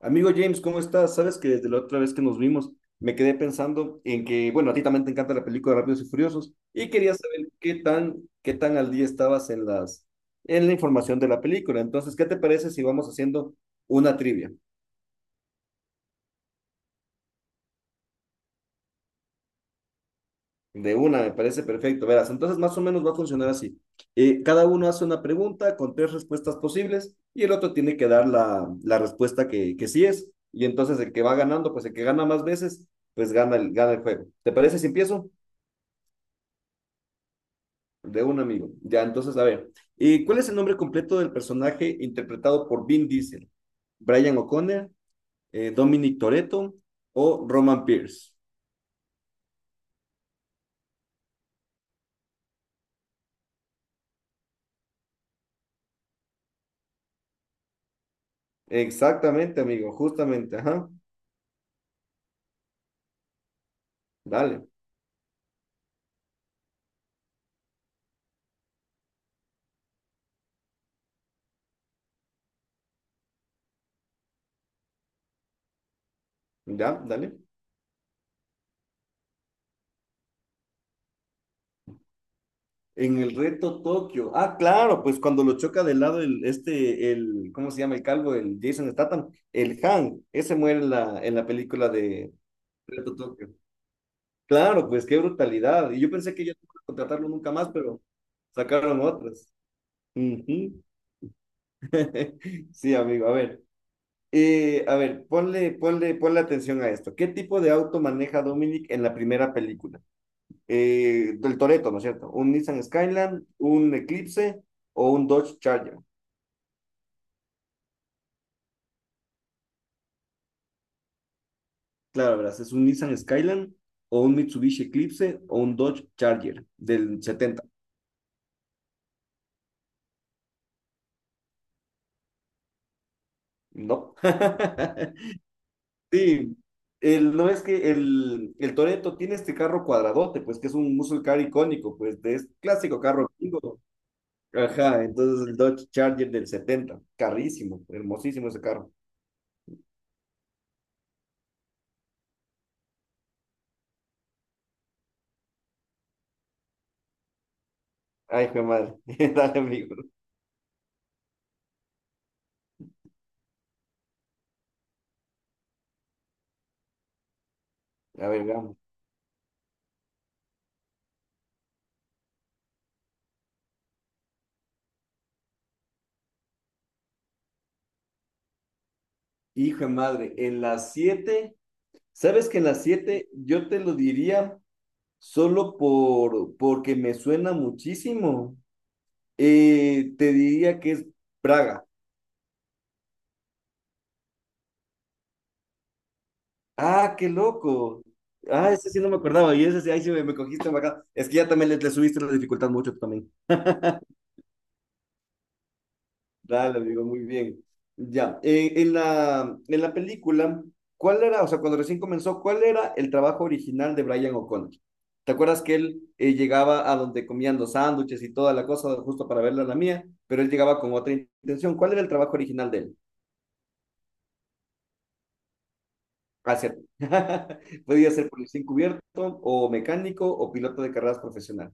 Amigo James, ¿cómo estás? Sabes que desde la otra vez que nos vimos me quedé pensando en que, bueno, a ti también te encanta la película de Rápidos y Furiosos y quería saber qué tan al día estabas en la información de la película. Entonces, ¿qué te parece si vamos haciendo una trivia? De una, me parece perfecto. Verás, entonces más o menos va a funcionar así. Cada uno hace una pregunta con tres respuestas posibles y el otro tiene que dar la respuesta que sí es. Y entonces el que va ganando, pues el que gana más veces, pues gana gana el juego. ¿Te parece si empiezo? De un amigo. Ya, entonces, a ver. ¿Y cuál es el nombre completo del personaje interpretado por Vin Diesel? ¿Brian O'Connor, Dominic Toretto o Roman Pierce? Exactamente, amigo, justamente, ajá. Dale, ya, dale. En el reto Tokio. Ah, claro, pues cuando lo choca de lado ¿cómo se llama el calvo? El Jason Statham, el Han, ese muere en en la película de Reto Tokio. Claro, pues qué brutalidad. Y yo pensé que ya no iban a contratarlo nunca más, pero sacaron otras. Ujú. Sí, amigo. A ver, ponle atención a esto. ¿Qué tipo de auto maneja Dominic en la primera película? Del Toretto, ¿no es cierto? ¿Un Nissan Skyline, un Eclipse o un Dodge Charger? Claro, verás, es un Nissan Skyline o un Mitsubishi Eclipse o un Dodge Charger del setenta. No. Sí, el, no es que el Toretto tiene este carro cuadradote, pues que es un muscle car icónico, pues de, es clásico carro gringo. Ajá, entonces el Dodge Charger del 70, carrísimo, hermosísimo ese carro. Ay, hijo de madre, dale amigo. A ver, veamos. Hijo de madre, en las 7, ¿sabes que en las 7 yo te lo diría solo porque me suena muchísimo? Te diría que es Praga. Ah, qué loco. Ah, ese sí no me acordaba. Y ese sí, ahí sí me cogiste acá. Es que ya también le subiste la dificultad mucho tú también. Dale, amigo, muy bien. Ya, en en la película, ¿cuál era, o sea, cuando recién comenzó, cuál era el trabajo original de Brian O'Connor? ¿Te acuerdas que él llegaba a donde comían los sándwiches y toda la cosa, justo para verla la mía, pero él llegaba con otra intención? ¿Cuál era el trabajo original de él? Hacer. Podía ser policía encubierto, o mecánico, o piloto de carreras profesional.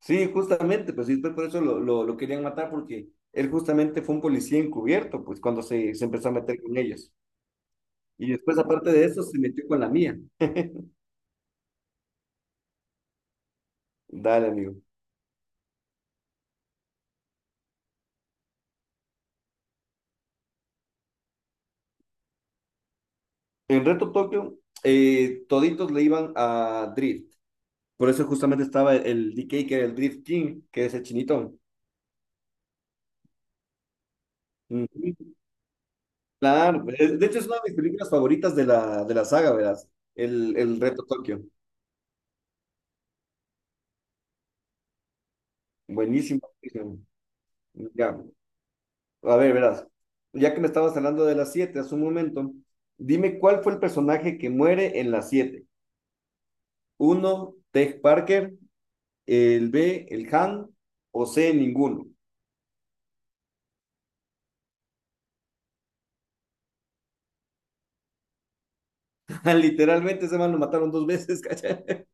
Sí, justamente, pues sí, por eso lo querían matar porque él justamente fue un policía encubierto, pues cuando se empezó a meter con ellos. Y después, aparte de eso, se metió con la mía. Dale, amigo. En Reto Tokio, toditos le iban a Drift. Por eso justamente estaba el D K que era el Drift King, que es el chinitón. Ujú. Claro, de hecho es una de mis películas favoritas de de la saga, verás. El Reto Tokio. Buenísimo, buenísimo. Ya. A ver, verás, ya que me estabas hablando de las siete hace un momento, dime cuál fue el personaje que muere en las siete. Uno, Tej Parker, el B, el Han, o C, ninguno. Literalmente ese man lo mataron dos veces, ¿cachai?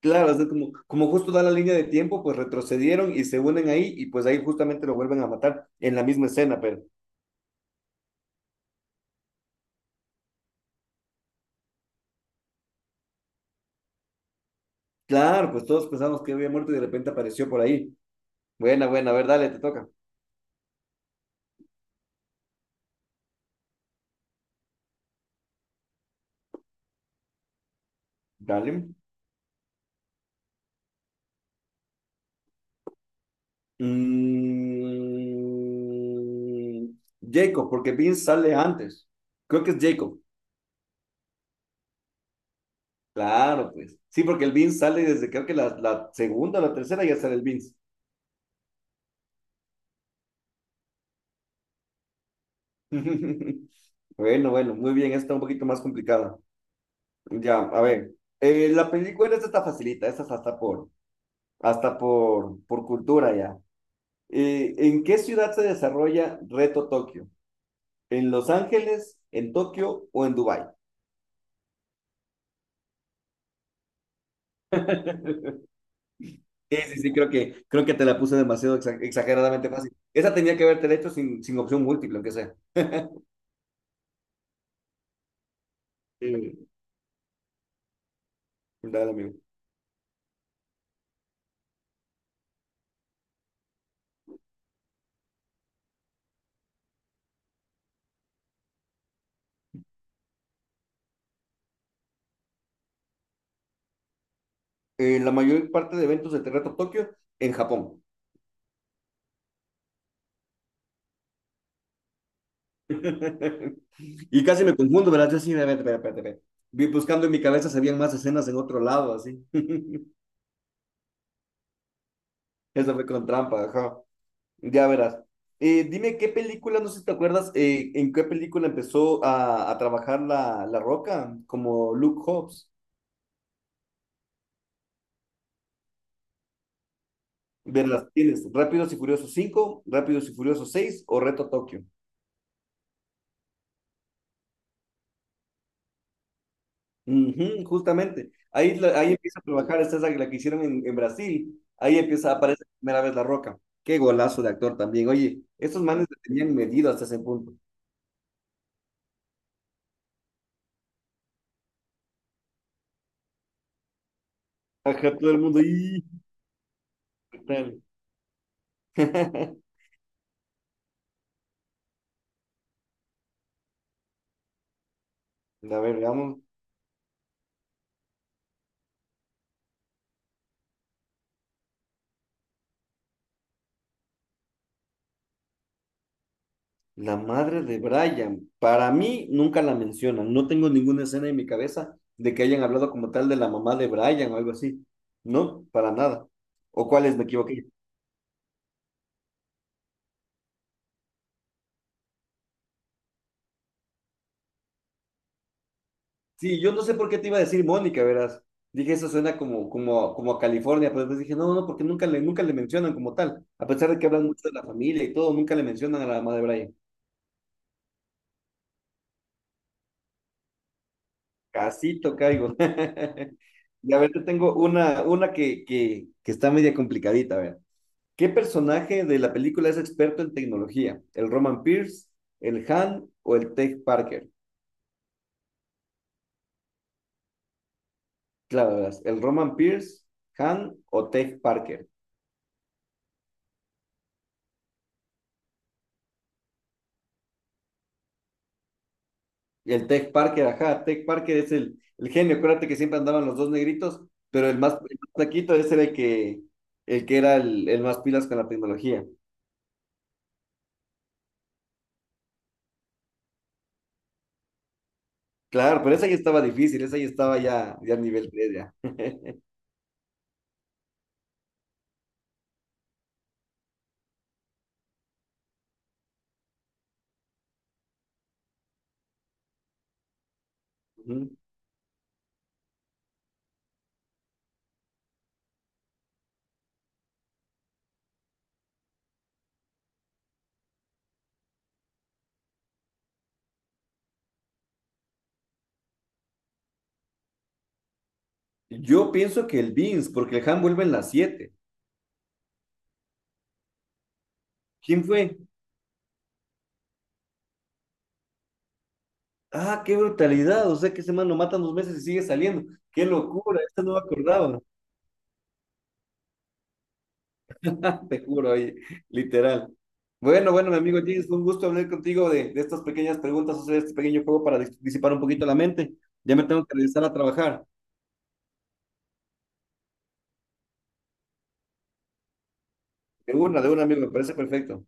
Claro, o sea, como justo da la línea de tiempo, pues retrocedieron y se unen ahí y pues ahí justamente lo vuelven a matar en la misma escena, pero claro, pues todos pensamos que había muerto y de repente apareció por ahí. Buena, buena, a ver, dale, te toca. Dale. Mm, Jacob, porque Vince sale antes. Creo que es Jacob. Claro, pues. Sí, porque el Vince sale desde creo que la segunda o la tercera ya sale el Vince. Bueno, bueno, muy bien. Esta un poquito más complicada. Ya, a ver. La película esta está facilita. Esta es hasta por cultura ya. ¿En qué ciudad se desarrolla Reto Tokio? ¿En Los Ángeles, en Tokio o en Dubái? Sí, creo creo que te la puse demasiado exageradamente fácil. Esa tenía que haberte hecho sin opción múltiple, aunque sea. Sí, dale, amigo. La mayor parte de eventos de Terremoto Tokio en Japón. Y casi me confundo, ¿verdad? Yo sí, espérate. Vi buscando en mi cabeza si habían más escenas en otro lado, así. Eso fue con trampa, ajá. Ya verás. Dime qué película, no sé si te acuerdas, en qué película empezó a trabajar la Roca, como Luke Hobbs. Verlas, tienes Rápidos y Furiosos cinco, Rápidos y Furiosos 6 o Reto Tokio. Ujú, justamente. Ahí, ahí empieza a trabajar, esta es la que hicieron en Brasil. Ahí empieza, aparece por primera vez La Roca. Qué golazo de actor también. Oye, estos manes le tenían medido hasta ese punto. Ajá, todo el mundo ahí. ¿Qué tal? A ver, veamos. La madre de Brian. Para mí, nunca la mencionan. No tengo ninguna escena en mi cabeza de que hayan hablado como tal de la mamá de Brian o algo así. No, para nada. ¿O cuáles me equivoqué? Sí, yo no sé por qué te iba a decir Mónica, verás. Dije, eso suena como, como a California, pero después dije, no, porque nunca le mencionan como tal. A pesar de que hablan mucho de la familia y todo, nunca le mencionan a la mamá de Brian. Casito caigo. Y a ver, te tengo una que está media complicadita, a ver. ¿Qué personaje de la película es experto en tecnología? ¿El Roman Pierce, el Han o el Tech Parker? Claro, verás, el Roman Pierce, Han o Tech Parker. Y el Tech Parker, ajá, Tech Parker es el genio. Acuérdate que siempre andaban los dos negritos, pero el más flaquito ese era el que era el más pilas con la tecnología. Claro, pero esa ya estaba difícil, esa ya estaba ya nivel 3 ya. Ujú. Yo pienso que el Vince porque el Han vuelve en las siete. ¿Quién fue? Ah, qué brutalidad, o sea que ese man lo matan dos meses y sigue saliendo. Qué locura, esta no me acordaba. Te juro, oye, literal. Bueno, bueno, mi amigo James, fue un gusto hablar contigo de estas pequeñas preguntas, hacer este pequeño juego para disipar un poquito la mente. Ya me tengo que regresar a trabajar. De una, amigo, me parece perfecto.